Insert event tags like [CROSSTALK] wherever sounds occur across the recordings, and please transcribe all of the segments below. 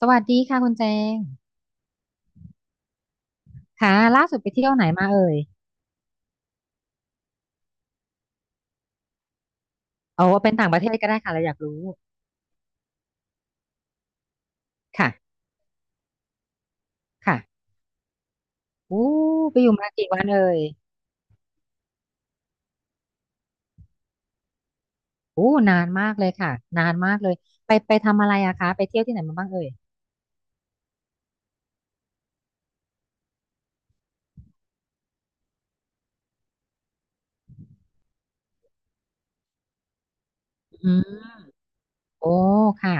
สวัสดีค่ะคุณแจงค่ะล่าสุดไปเที่ยวไหนมาเอ่ยเอาเป็นต่างประเทศก็ได้ค่ะเราอยากรู้ค่ะค่ะอู้ไปอยู่มากี่วันเอ่ยอู้นานมากเลยค่ะนานมากเลยไปทำอะไรอะคะไปเที่ยวที่ไหนมาบ้างเอ่ยอืมโอ้ค่ะ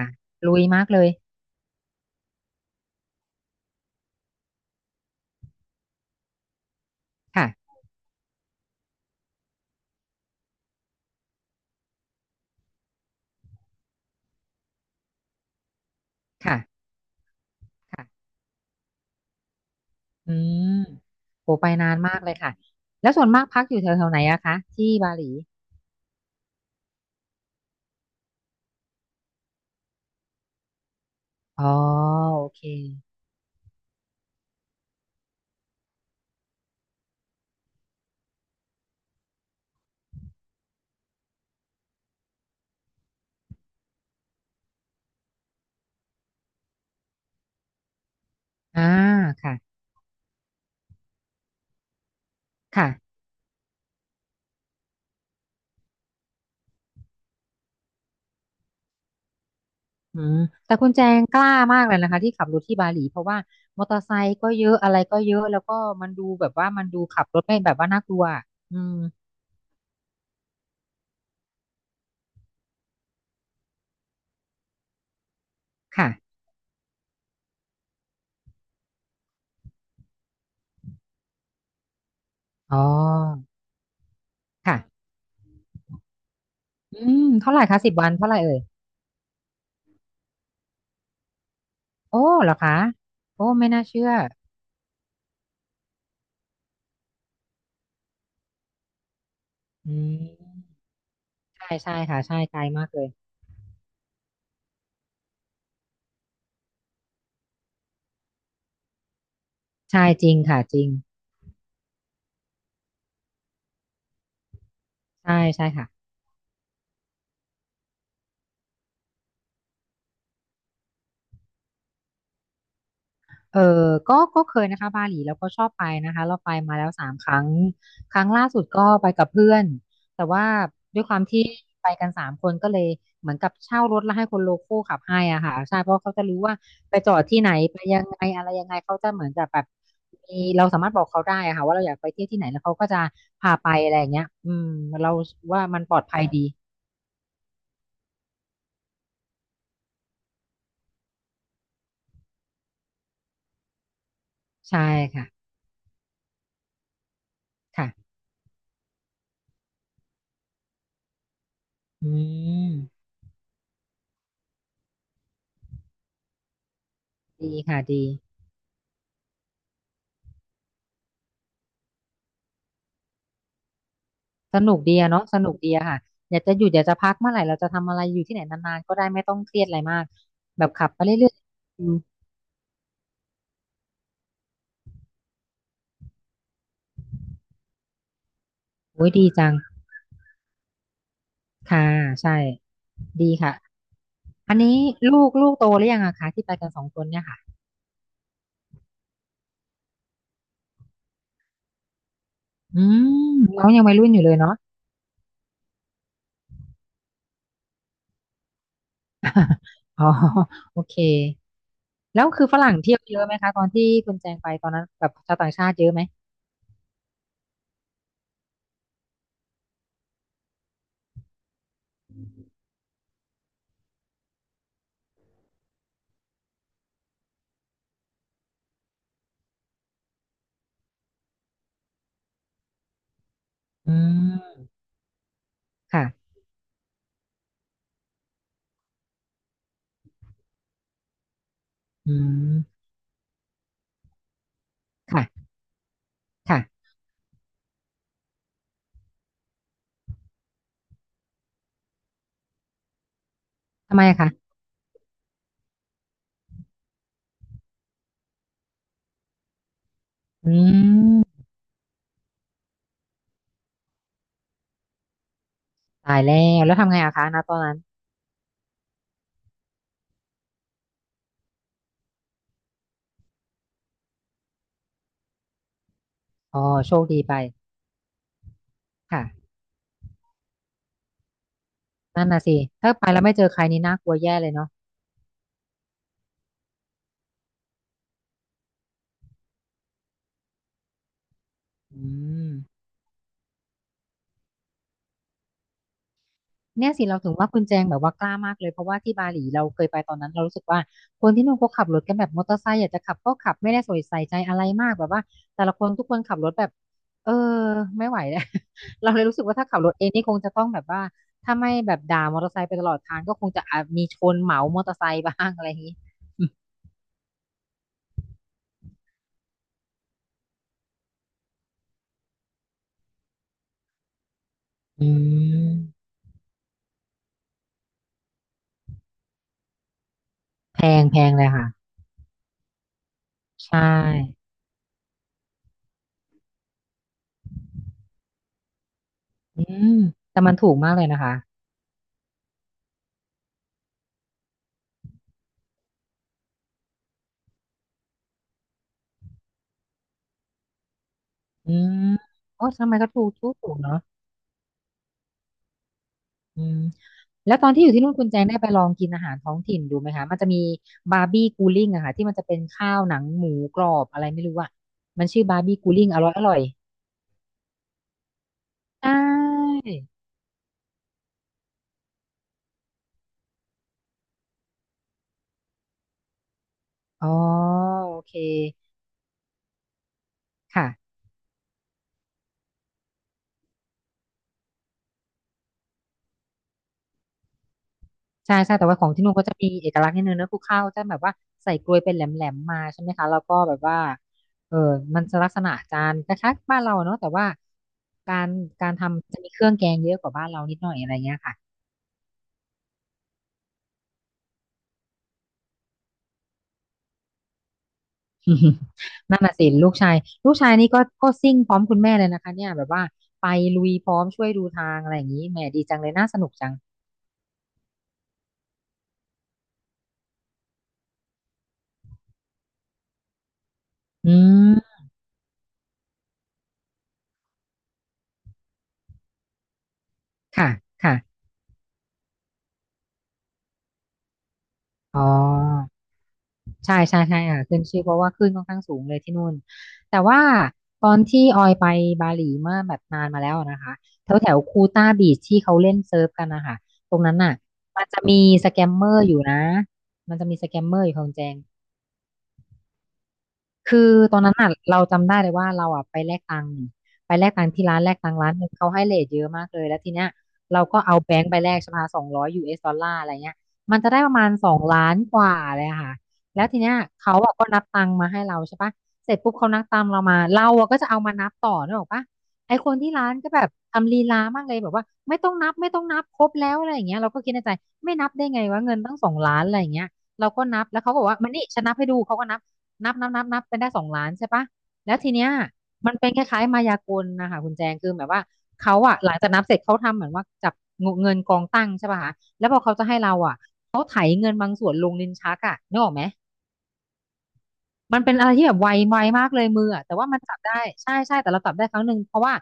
ลุยมากเลยค่ะค่ะค่ะอืมโอ้ไปนานมากเลยค่ะแล้วส่วนมากพักอยู่แถวๆไหนอะคะที่บาหลีอ๋อโอเคอ่าค่ะค่ะ อืมแต่คุณแจงกล้ามากเลยนะคะที่ขับรถที่บาหลีเพราะว่ามอเตอร์ไซค์ก็เยอะอะไรก็เยอะแล้วก็มันดูแบบว่ามันดูขับรถไม่แบบว่าน่ากลัวอืมค่ะอ๋อค่ะอืมเท่าไหร่คะสิบวันเท่าไหร่เอ่ยโอ้เหรอคะโอ้ไม่น่าเชื่ออืมใช่ใช่ค่ะใช่ไกลมากเลยใช่จริงค่ะจริงใช่ใช่ค่ะ เออก็เคยนะคะบาหลีแล้วก็ชอบไปนะคะเราไปมาแล้วสามครั้งครั้งล่าสุดก็ไปกับเพื่อนแต่ว่าด้วยความที่ไปกันสามคนก็เลยเหมือนกับเช่ารถแล้วให้คนโลคอลขับให้อ่ะค่ะใช่เพราะเขาจะรู้ว่าไปจอดที่ไหนไปยังไงอะไรยังไงเขาจะเหมือนจะแบบมีเราสามารถบอกเขาได้อะค่ะว่าเราอยากไปเที่ยวที่ไหนแล้วเขาก็จะพาไปอะไรอย่างเงี้ยอืมเราว่ามันปลอดภัยดีใช่ค่ะค่ะอืมดีค่ะดี สนุกดีอะเนาะสนุกดีอะค่ะอยากจะหยุดอยากจะพักเมื่อไหร่เราจะทำอะไรอยู่ที่ไหนนานๆก็ได้ไม่ต้องเครียดอะไรมากแบบขับไปเรื่อยๆอืมโอ้ยดีจังค่ะใช่ดีค่ะอันนี้ลูกโตหรือยังอะคะที่ไปกันสองคนเนี่ยค่ะอืมน้องยังวัยรุ่นอยู่เลยเนาะอ๋อโอเคแล้วคือฝรั่งเที่ยวเยอะไหมคะตอนที่คุณแจงไปตอนนั้นแบบชาวต่างชาติเยอะไหมอืมค่ะอืมค่ะค่ะทำไมอะคะอืมตายแล้วแล้วทำไงอะคะณตอนนั้น อ๋อโชคดีไปค่ะนั่นน่ะสิถ้าไปแล้วไม่เจอใครนี่น่ากลัวแย่เลยเนาะอืมเนี่ยสิเราถึงว่าคุณแจงแบบว่ากล้ามากเลยเพราะว่าที่บาหลีเราเคยไปตอนนั้นเรารู้สึกว่าคนที่นู่นเขาขับรถกันแบบมอเตอร์ไซค์อยากจะขับก็ขับไม่ได้ใส่ใจอะไรมากแบบว่าแต่ละคนทุกคนขับรถแบบเออไม่ไหวแล้ [LAUGHS] เราเลยรู้สึกว่าถ้าขับรถเองนี่คงจะต้องแบบว่าถ้าไม่แบบด่ามอเตอร์ไซค์ไปตลอดทางก็คงจะอาจมีชนเหมามอเตอร์ไซค์บ้างอะไรอย่างนี้ [LAUGHS] อืมแพงเลยค่ะใช่ อืมแต่มันถูกมากเลยนะคะอืมโอ้ทำไมก็ถูกเนาะอืมแล้วตอนที่อยู่ที่นู่นคุณแจงได้ไปลองกินอาหารท้องถิ่นดูไหมคะมันจะมีบาร์บี้กูลิ่งอะค่ะที่มันจะเป็นข้าวหนังหมูกรอบอะไรไม่รู้อะมันชื่อบาร์บี้กูลิ่งอร่อยอร่อยใช่อ๋อโอเคค่ะ ใช่ใช่แต่ว่าของที่นู่นก็จะมีเอกลักษณ์นิดนึงนะคือข้าวจะแบบว่าใส่กลวยเป็นแหลมๆมาใช่ไหมคะแล้วก็แบบว่าเออมันจะลักษณะจานคล้ายๆบ้านเราเนอะแต่ว่าการการทำจะมีเครื่องแกงเยอะกว่าบ้านเรานิดหน่อยอะไรเงี้ยค่ะ [LAUGHS] นั่นน่ะสิลูกชายลูกชายนี่ก็ซิ่งพร้อมคุณแม่เลยนะคะเนี่ยแบบว่าไปลุยพร้อมช่วยดูทางอะไรอย่างนี้แหมดีจังเลยน่าสนุกจังอืมค่ะค่ะอ๋อ ใช่ใช่ใช่ค่ะขึ้นชื่อเพราะว่าขึ้นค่อนข้างสูงเลยที่นู่น แต่ว่าตอนที่ออยไปบาหลีเมื่อแบบนานมาแล้วนะคะแถวแถวคูต้าบีชที่เขาเล่นเซิร์ฟกันนะคะตรงนั้นน่ะมันจะมีสแกมเมอร์อยู่นะ มันจะมีสแกมเมอร์อยู่ของแจง คือตอนนั้นอ่ะเราจำได้เลยว่าเราอ่ะไปแลกตังค์ที่ร้านแลกตังค์ร้านหนึ่งเขาให้เรทเยอะมากเลยแล้วทีเนี้ยเราก็เอาแบงค์ไปแลกใช่ไหม200 USDอะไรเงี้ยมันจะได้ประมาณสองล้านกว่าเลยอะค่ะแล้วทีเนี้ยเขาอ่ะก็นับตังค์มาให้เราใช่ปะเสร็จปุ๊บเขานับตังค์เรามาเราอ่ะก็จะเอามานับต่อนึกออกปะไอคนที่ร้านก็แบบทำลีลามากเลยแบบว่าไม่ต้องนับไม่ต้องนับครบแล้วอะไรอย่างเงี้ยเราก็คิดในใจไม่นับได้ไงวะเงินตั้งสองล้านอะไรอย่างเงี้ยเราก็นับแล้วเขาก็บอกว่ามานี่ฉันนับให้ดูเขาก็นับ นับนับนับนับเป็นได้2,000,000ใช่ปะแล้วทีเนี้ยมันเป็นคล้ายๆมายากลนะคะคุณแจงคือแบบว่าเขาอะหลังจากนับเสร็จเขาทำเหมือนว่าจับเงินกองตั้งใช่ปะคะแล้วพอเขาจะให้เราอะ มันเป็นอะไรที่แบบไวไวมากเลยมืออะแต่ว่ามันจับได้ใช่ใช่แต่เราจับได้ครั้งหนึ่งเพราะว่า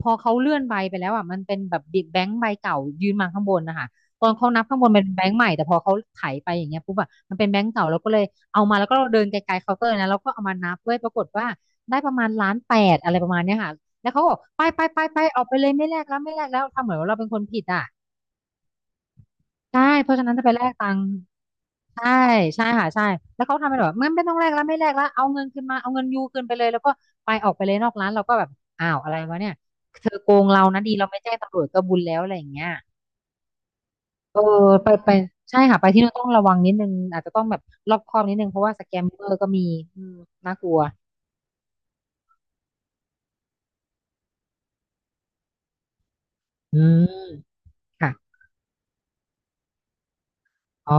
พอเขาเลื่อนใบไปแล้วอ่ะมันเป็นแบบบิดแบงค์ใบเก่ายืนมาข้างบนนะคะตอนเขานับข้างบนมันเป็นแบงค์ใหม่แต่พอเขาไถไปอย่างเงี้ยปุ๊บอะมันเป็นแบงค์เก่าเราก็เลยเอามาแล้วก็เดินไกลๆเคาน์เตอร์นะเราก็เอามานับด้วยปรากฏว่าได้ประมาณ1,800,000อะไรประมาณเนี้ยค่ะแล้วเขาบอกไปไปไปไปออกไปเลยไม่แลกแล้วไม่แลกแล้วทำเหมือนว่าเราเป็นคนผิดอ่ะใช่เพราะฉะนั้นจะไปแลกตังค์ ใช่ใช่ค่ะใช่แล้วเขาทำเป็นแบบไม่ต้องแลกแล้วไม่แลกแล้วเอาเงินคืนมาเอาเงินยูคืนไปเลยแล้วก็ไปออกไปเลยนอกร้านเราก็แบบอ้าวอะไรวะเนี่ยเธอโกงเรานะดีเราไม่แจ้งตำรวจก็บุญแล้วอะไรอย่างเงี้ยเออไปไปใช่ค่ะไปที่นู่นต้องระวังนิดนึงอาจจะต้องแบบรอบคอบนิดนึงเพราะว่าสแกมเมอร์ก็มีอืมน่ากลัวอืมค่ะอ๋อ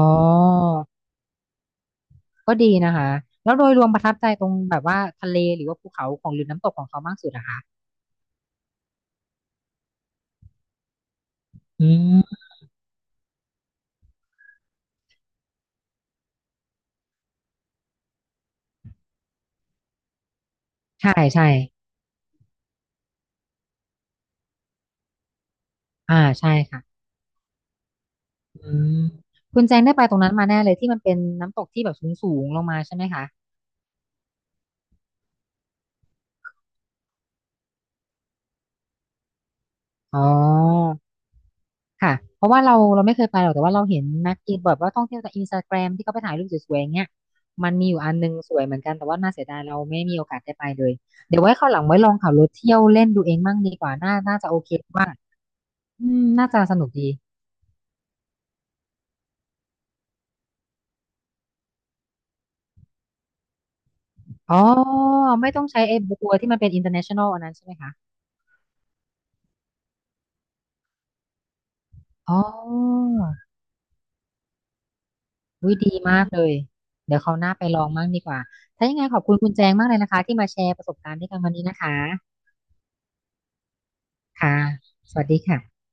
ก็ดีนะคะแล้วโดยรวมประทับใจตรงแบบว่าทะเลหรือว่าภูเขาของหรือน้ำตกของเขามากสุดอะคะอืมใช่ใช่อ่าใช่ค่ะ อืมคุณแจงได้ไปตรงนั้นมาแน่เลยที่มันเป็นน้ำตกที่แบบสูงๆลงมาใช่ไหมคะอ๋อค่ะเพราะว่าเราเราไม่เคยไปหรอกแต่ว่าเราเห็นนักกินแบบว่าท่องเที่ยวจากอินสตาแกรมที่เขาไปถ่ายรูปสวยๆอย่างเงี้ยมันมีอยู่อันนึงสวยเหมือนกันแต่ว่าน่าเสียดายเราไม่มีโอกาสได้ไปเลยเดี๋ยวไว้คราวหลังไว้ลองขับรถเที่ยวเล่นดูเองมั่งดีกว่าน่าจะโอเคว่าอืมน่าจะสนุกดีอ๋อไม่ต้องใช้ไอ้บัวที่มันเป็น international อันนั้นใช่ไหมคะอ๋อ วิดีมากเลย เดี๋ยวเขาวหน้าไปลองมั่งดีกว่า ถ้ายังไงขอบคุณคุณแจงมากเลยนะคะที่มาแชร์ประสบการณ์ด้วยกันวันนี้นะคะ ค่ะ สวัสดีค่ะ